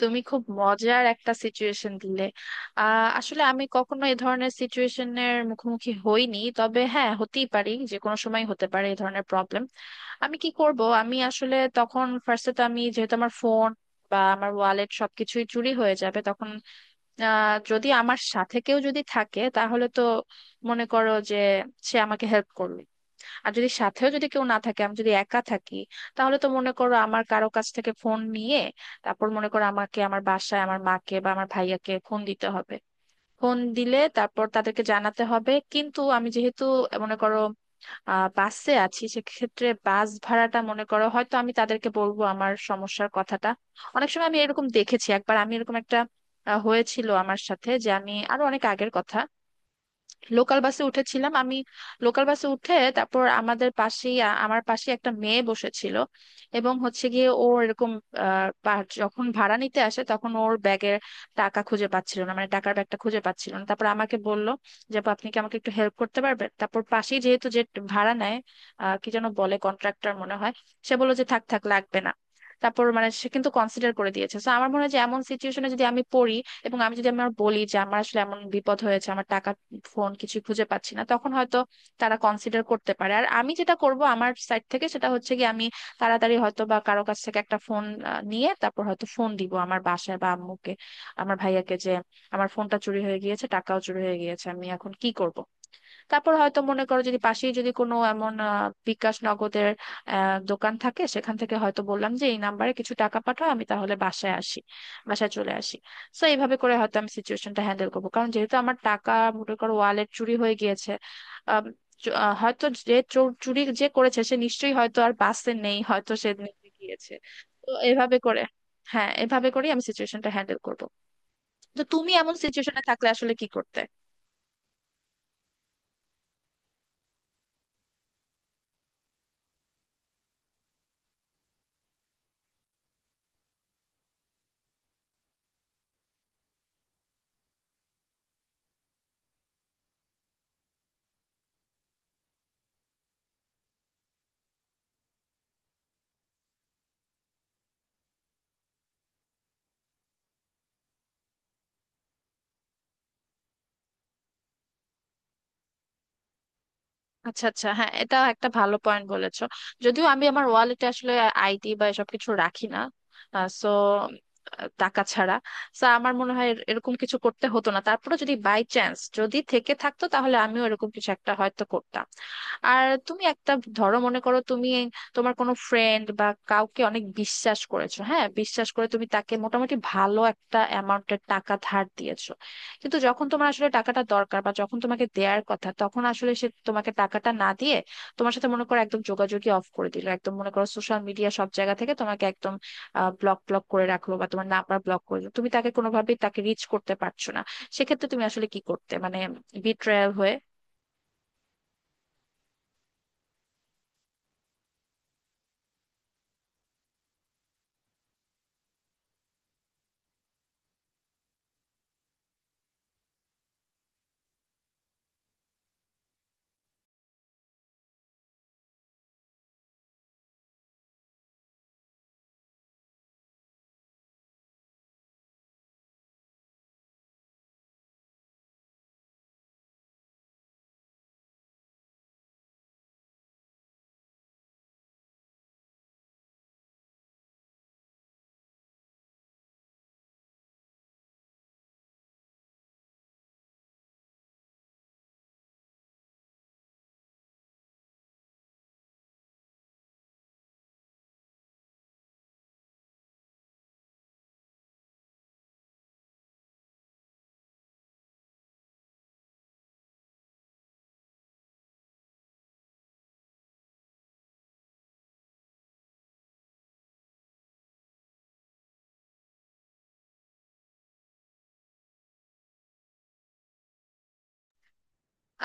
তুমি খুব মজার একটা সিচুয়েশন দিলে। আসলে আমি কখনো এই ধরনের সিচুয়েশনের মুখোমুখি হইনি, তবে হ্যাঁ হতেই পারি, যে কোনো সময় হতে পারে এই ধরনের প্রবলেম। আমি কি করব? আমি আসলে তখন ফার্স্টে তো, আমি যেহেতু আমার ফোন বা আমার ওয়ালেট সবকিছুই চুরি হয়ে যাবে তখন, যদি আমার সাথে কেউ যদি থাকে তাহলে তো মনে করো যে সে আমাকে হেল্প করলো। আর যদি সাথেও যদি কেউ না থাকে, আমি যদি একা থাকি, তাহলে তো মনে করো আমার কারো কাছ থেকে ফোন নিয়ে তারপর মনে করো আমাকে আমার বাসায়, আমার মাকে বা আমার ভাইয়াকে ফোন দিতে হবে। ফোন দিলে তারপর তাদেরকে জানাতে হবে, কিন্তু আমি যেহেতু মনে করো বাসে আছি, সেক্ষেত্রে বাস ভাড়াটা মনে করো হয়তো আমি তাদেরকে বলবো আমার সমস্যার কথাটা। অনেক সময় আমি এরকম দেখেছি, একবার আমি এরকম একটা হয়েছিল আমার সাথে, যে আমি আরো অনেক আগের কথা, লোকাল বাসে উঠেছিলাম আমি। লোকাল বাসে উঠে তারপর আমাদের পাশেই আমার পাশে একটা মেয়ে বসেছিল, এবং হচ্ছে গিয়ে ও এরকম যখন ভাড়া নিতে আসে তখন ওর ব্যাগের টাকা খুঁজে পাচ্ছিল না, মানে টাকার ব্যাগটা খুঁজে পাচ্ছিল না, তারপর আমাকে বলল যে, আপু আপনি কি আমাকে একটু হেল্প করতে পারবেন। তারপর পাশেই যেহেতু যে ভাড়া নেয় কি যেন বলে, কন্ট্রাক্টর মনে হয়, সে বললো যে থাক থাক লাগবে না। তারপর মানে সে কিন্তু কনসিডার করে দিয়েছে, তো আমার মনে হয় যে এমন সিচুয়েশনে যদি আমি পড়ি এবং আমি যদি আমার বলি যে আমার আসলে এমন বিপদ হয়েছে, আমার টাকা ফোন কিছু খুঁজে পাচ্ছি না, তখন হয়তো তারা কনসিডার করতে পারে। আর আমি যেটা করব আমার সাইড থেকে সেটা হচ্ছে কি, আমি তাড়াতাড়ি হয়তো বা কারো কাছ থেকে একটা ফোন নিয়ে তারপর হয়তো ফোন দিব আমার বাসায় বা আম্মুকে, আমার ভাইয়াকে, যে আমার ফোনটা চুরি হয়ে গিয়েছে, টাকাও চুরি হয়ে গিয়েছে, আমি এখন কি করব। তারপর হয়তো মনে করো যদি পাশেই যদি কোনো এমন বিকাশ নগদের দোকান থাকে, সেখান থেকে হয়তো বললাম যে এই নাম্বারে কিছু টাকা পাঠাও, আমি তাহলে বাসায় আসি, বাসায় চলে আসি। সো এইভাবে করে হয়তো আমি সিচুয়েশনটা হ্যান্ডেল করবো, কারণ যেহেতু আমার টাকা, মনে করো ওয়ালেট চুরি হয়ে গিয়েছে। আম, হয়তো যে চুরি যে করেছে সে নিশ্চয়ই হয়তো আর বাসে নেই, হয়তো সে নিয়ে গিয়েছে। তো এভাবে করে, হ্যাঁ এভাবে করেই আমি সিচুয়েশনটা হ্যান্ডেল করবো। তো তুমি এমন সিচুয়েশনে থাকলে আসলে কি করতে? আচ্ছা আচ্ছা, হ্যাঁ এটা একটা ভালো পয়েন্ট বলেছো। যদিও আমি আমার ওয়ালেটে আসলে আইডি বা এসব কিছু রাখি না, সো টাকা ছাড়া। সো আমার মনে হয় এরকম কিছু করতে হতো না, তারপরে যদি বাই চান্স যদি থেকে থাকতো তাহলে আমিও এরকম কিছু একটা হয়তো করতাম। আর তুমি একটা ধরো, মনে করো তুমি তোমার কোনো ফ্রেন্ড বা কাউকে অনেক বিশ্বাস করেছো, হ্যাঁ বিশ্বাস করে তুমি তাকে মোটামুটি ভালো একটা অ্যামাউন্টের টাকা ধার দিয়েছো। কিন্তু যখন তোমার আসলে টাকাটা দরকার বা যখন তোমাকে দেয়ার কথা, তখন আসলে সে তোমাকে টাকাটা না দিয়ে তোমার সাথে মনে করো একদম যোগাযোগই অফ করে দিল, একদম মনে করো সোশ্যাল মিডিয়া সব জায়গা থেকে তোমাকে একদম ব্লক ব্লক করে রাখলো বা তোমার নাম্বার ব্লক করে দিলো, তুমি তাকে কোনোভাবেই তাকে রিচ করতে পারছো না। সেক্ষেত্রে তুমি আসলে কি করতে মানে, বিট্রায়াল হয়ে।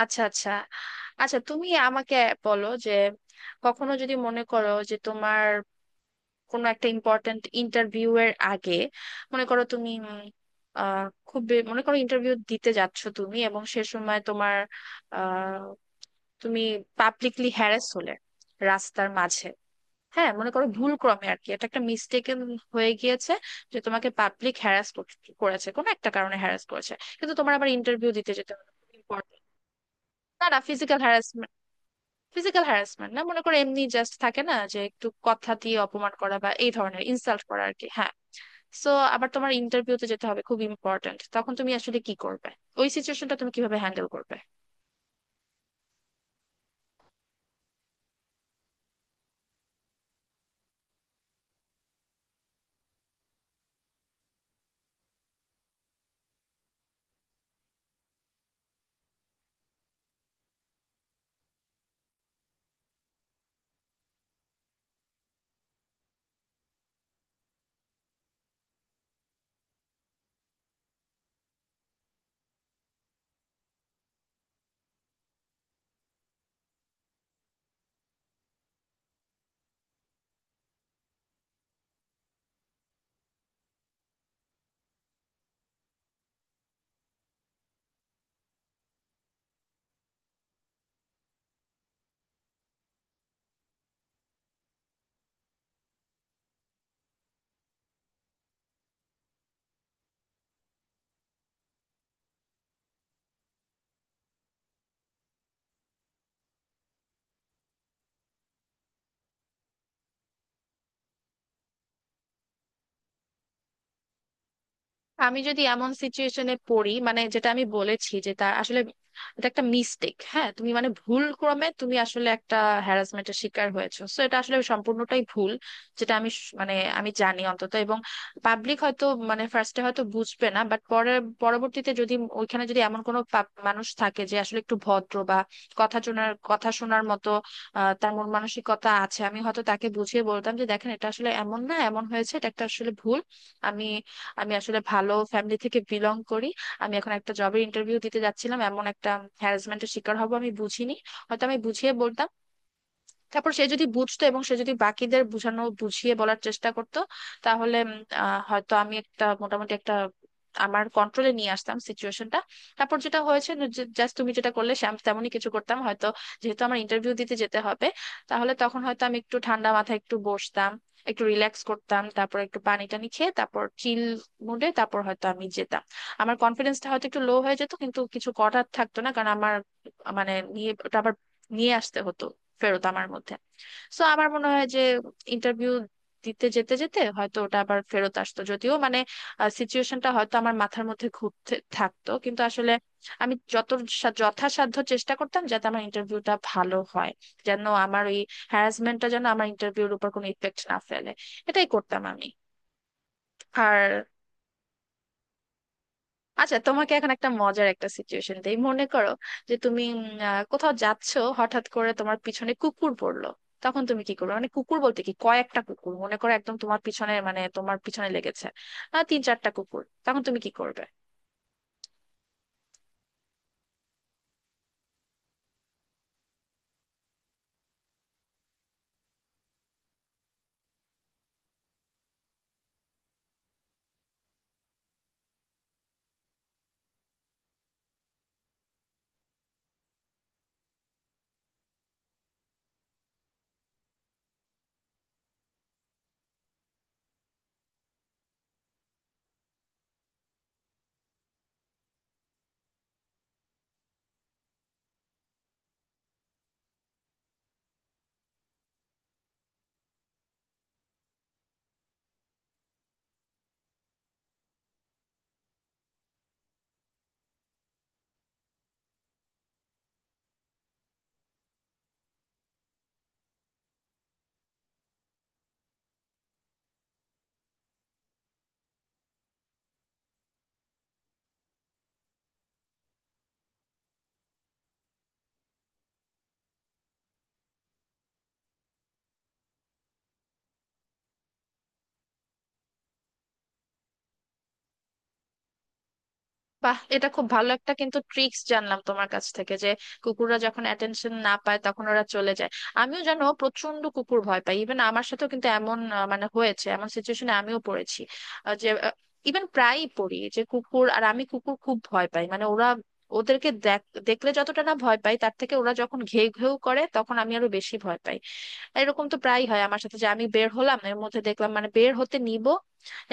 আচ্ছা আচ্ছা। আচ্ছা তুমি আমাকে বলো যে, কখনো যদি মনে করো যে তোমার কোনো একটা ইম্পর্ট্যান্ট ইন্টারভিউ এর আগে, মনে করো তুমি উম, আহ খুব মনে করো ইন্টারভিউ দিতে যাচ্ছ তুমি, এবং সে সময় তোমার আহ তুমি পাবলিকলি হ্যারাস হলে রাস্তার মাঝে। হ্যাঁ মনে করো ভুল ক্রমে আর কি, এটা একটা মিস্টেকেন হয়ে গিয়েছে যে তোমাকে পাবলিক হ্যারাস করেছে, কোনো একটা কারণে হ্যারাস করেছে, কিন্তু তোমার আবার ইন্টারভিউ দিতে যেতে হবে। ইম্পর্টেন্ট। না না, ফিজিক্যাল হ্যারাসমেন্ট, ফিজিক্যাল হ্যারাসমেন্ট না, মনে করো এমনি জাস্ট থাকে না, যে একটু কথা দিয়ে অপমান করা বা এই ধরনের ইনসাল্ট করা আর কি, হ্যাঁ। সো আবার তোমার ইন্টারভিউতে যেতে হবে, খুব ইম্পর্ট্যান্ট, তখন তুমি আসলে কি করবে? ওই সিচুয়েশনটা তুমি কিভাবে হ্যান্ডেল করবে? আমি যদি এমন সিচুয়েশনে পড়ি মানে, যেটা আমি বলেছি যে তার আসলে এটা একটা মিস্টেক, হ্যাঁ তুমি মানে ভুল ক্রমে তুমি আসলে একটা হ্যারাসমেন্টের শিকার হয়েছো, সো এটা আসলে সম্পূর্ণটাই ভুল, যেটা আমি মানে আমি জানি অন্তত। এবং পাবলিক হয়তো মানে ফার্স্টে হয়তো বুঝবে না, বাট পরে পরবর্তীতে যদি ওইখানে যদি এমন কোনো মানুষ থাকে যে আসলে একটু ভদ্র বা কথা শোনার মতো তার মন মানসিকতা আছে, আমি হয়তো তাকে বুঝিয়ে বলতাম যে, দেখেন এটা আসলে এমন না, এমন হয়েছে, এটা একটা আসলে ভুল। আমি আমি আসলে ভালো ফ্যামিলি থেকে বিলং করি, আমি এখন একটা জবের ইন্টারভিউ দিতে যাচ্ছিলাম, এমন একটা হ্যারাসমেন্টের শিকার হব আমি বুঝিনি। হয়তো আমি বুঝিয়ে বলতাম, তারপর সে যদি বুঝতো এবং সে যদি বাকিদের বুঝিয়ে বলার চেষ্টা করতো, তাহলে হয়তো আমি একটা মোটামুটি একটা আমার কন্ট্রোলে নিয়ে আসতাম সিচুয়েশনটা। তারপর যেটা হয়েছে, জাস্ট তুমি যেটা করলে আমি তেমনই কিছু করতাম হয়তো, যেহেতু আমার ইন্টারভিউ দিতে যেতে হবে। তাহলে তখন হয়তো আমি একটু ঠান্ডা মাথায় একটু বসতাম, একটু রিল্যাক্স করতাম, তারপর একটু পানি টানি খেয়ে তারপর চিল মুডে তারপর হয়তো আমি যেতাম। আমার কনফিডেন্সটা হয়তো একটু লো হয়ে যেত, কিন্তু কিছু করার থাকতো না, কারণ আমার মানে নিয়ে ওটা আবার নিয়ে আসতে হতো ফেরত আমার মধ্যে। সো আমার মনে হয় যে ইন্টারভিউ দিতে যেতে যেতে হয়তো ওটা আবার ফেরত আসতো, যদিও মানে সিচুয়েশনটা হয়তো আমার মাথার মধ্যে ঘুরতে থাকতো, কিন্তু আসলে আমি যত যথাসাধ্য চেষ্টা করতাম যাতে আমার ইন্টারভিউটা ভালো হয়, যেন আমার ওই হ্যারাসমেন্টটা যেন আমার ইন্টারভিউর উপর কোনো ইফেক্ট না ফেলে। এটাই করতাম আমি। আর, আচ্ছা তোমাকে এখন একটা মজার একটা সিচুয়েশন দেই, মনে করো যে তুমি কোথাও যাচ্ছো, হঠাৎ করে তোমার পিছনে কুকুর পড়লো, তখন তুমি কি করবে? মানে কুকুর বলতে কি, কয়েকটা কুকুর মনে করো একদম তোমার পিছনে, মানে তোমার পিছনে লেগেছে তিন চারটা কুকুর, তখন তুমি কি করবে? বাহ, এটা খুব ভালো একটা কিন্তু ট্রিক্স জানলাম তোমার কাছ থেকে, যে কুকুররা যখন অ্যাটেনশন না পায় তখন ওরা চলে যায়। আমিও জানো প্রচন্ড কুকুর ভয় পাই, ইভেন আমার সাথেও কিন্তু এমন মানে হয়েছে, এমন সিচুয়েশনে আমিও পড়েছি, যে ইভেন প্রায়ই পড়ি যে কুকুর, আর আমি কুকুর খুব ভয় পাই মানে ওরা, ওদেরকে দেখ দেখলে যতটা না ভয় পাই তার থেকে ওরা যখন ঘেউ ঘেউ করে তখন আমি আরো বেশি ভয় পাই। আর এরকম তো প্রায়ই হয় আমার সাথে, যে আমি বের হলাম এর মধ্যে দেখলাম, মানে বের হতে নিব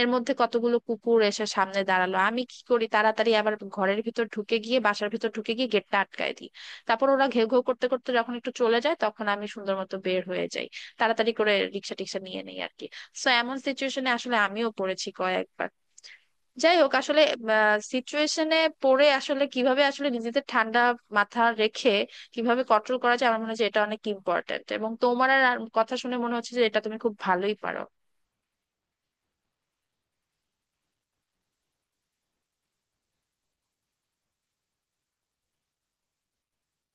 এর মধ্যে কতগুলো কুকুর এসে সামনে দাঁড়ালো, আমি কি করি তাড়াতাড়ি আবার ঘরের ভিতর ঢুকে গিয়ে, বাসার ভিতর ঢুকে গিয়ে গেটটা আটকায় দিই। তারপর ওরা ঘেউ ঘেউ করতে করতে যখন একটু চলে যায় তখন আমি সুন্দর মতো বের হয়ে যাই, তাড়াতাড়ি করে রিক্সা টিক্সা নিয়ে নেই আর কি। সো এমন সিচুয়েশনে আসলে আমিও পড়েছি কয়েকবার। যাই হোক, আসলে সিচুয়েশনে পড়ে আসলে কিভাবে আসলে নিজেদের ঠান্ডা মাথা রেখে কিভাবে কন্ট্রোল করা যায়, আমার মনে হয় যে এটা অনেক ইম্পর্ট্যান্ট, এবং তোমার আর আর কথা শুনে মনে হচ্ছে যে এটা তুমি খুব ভালোই পারো।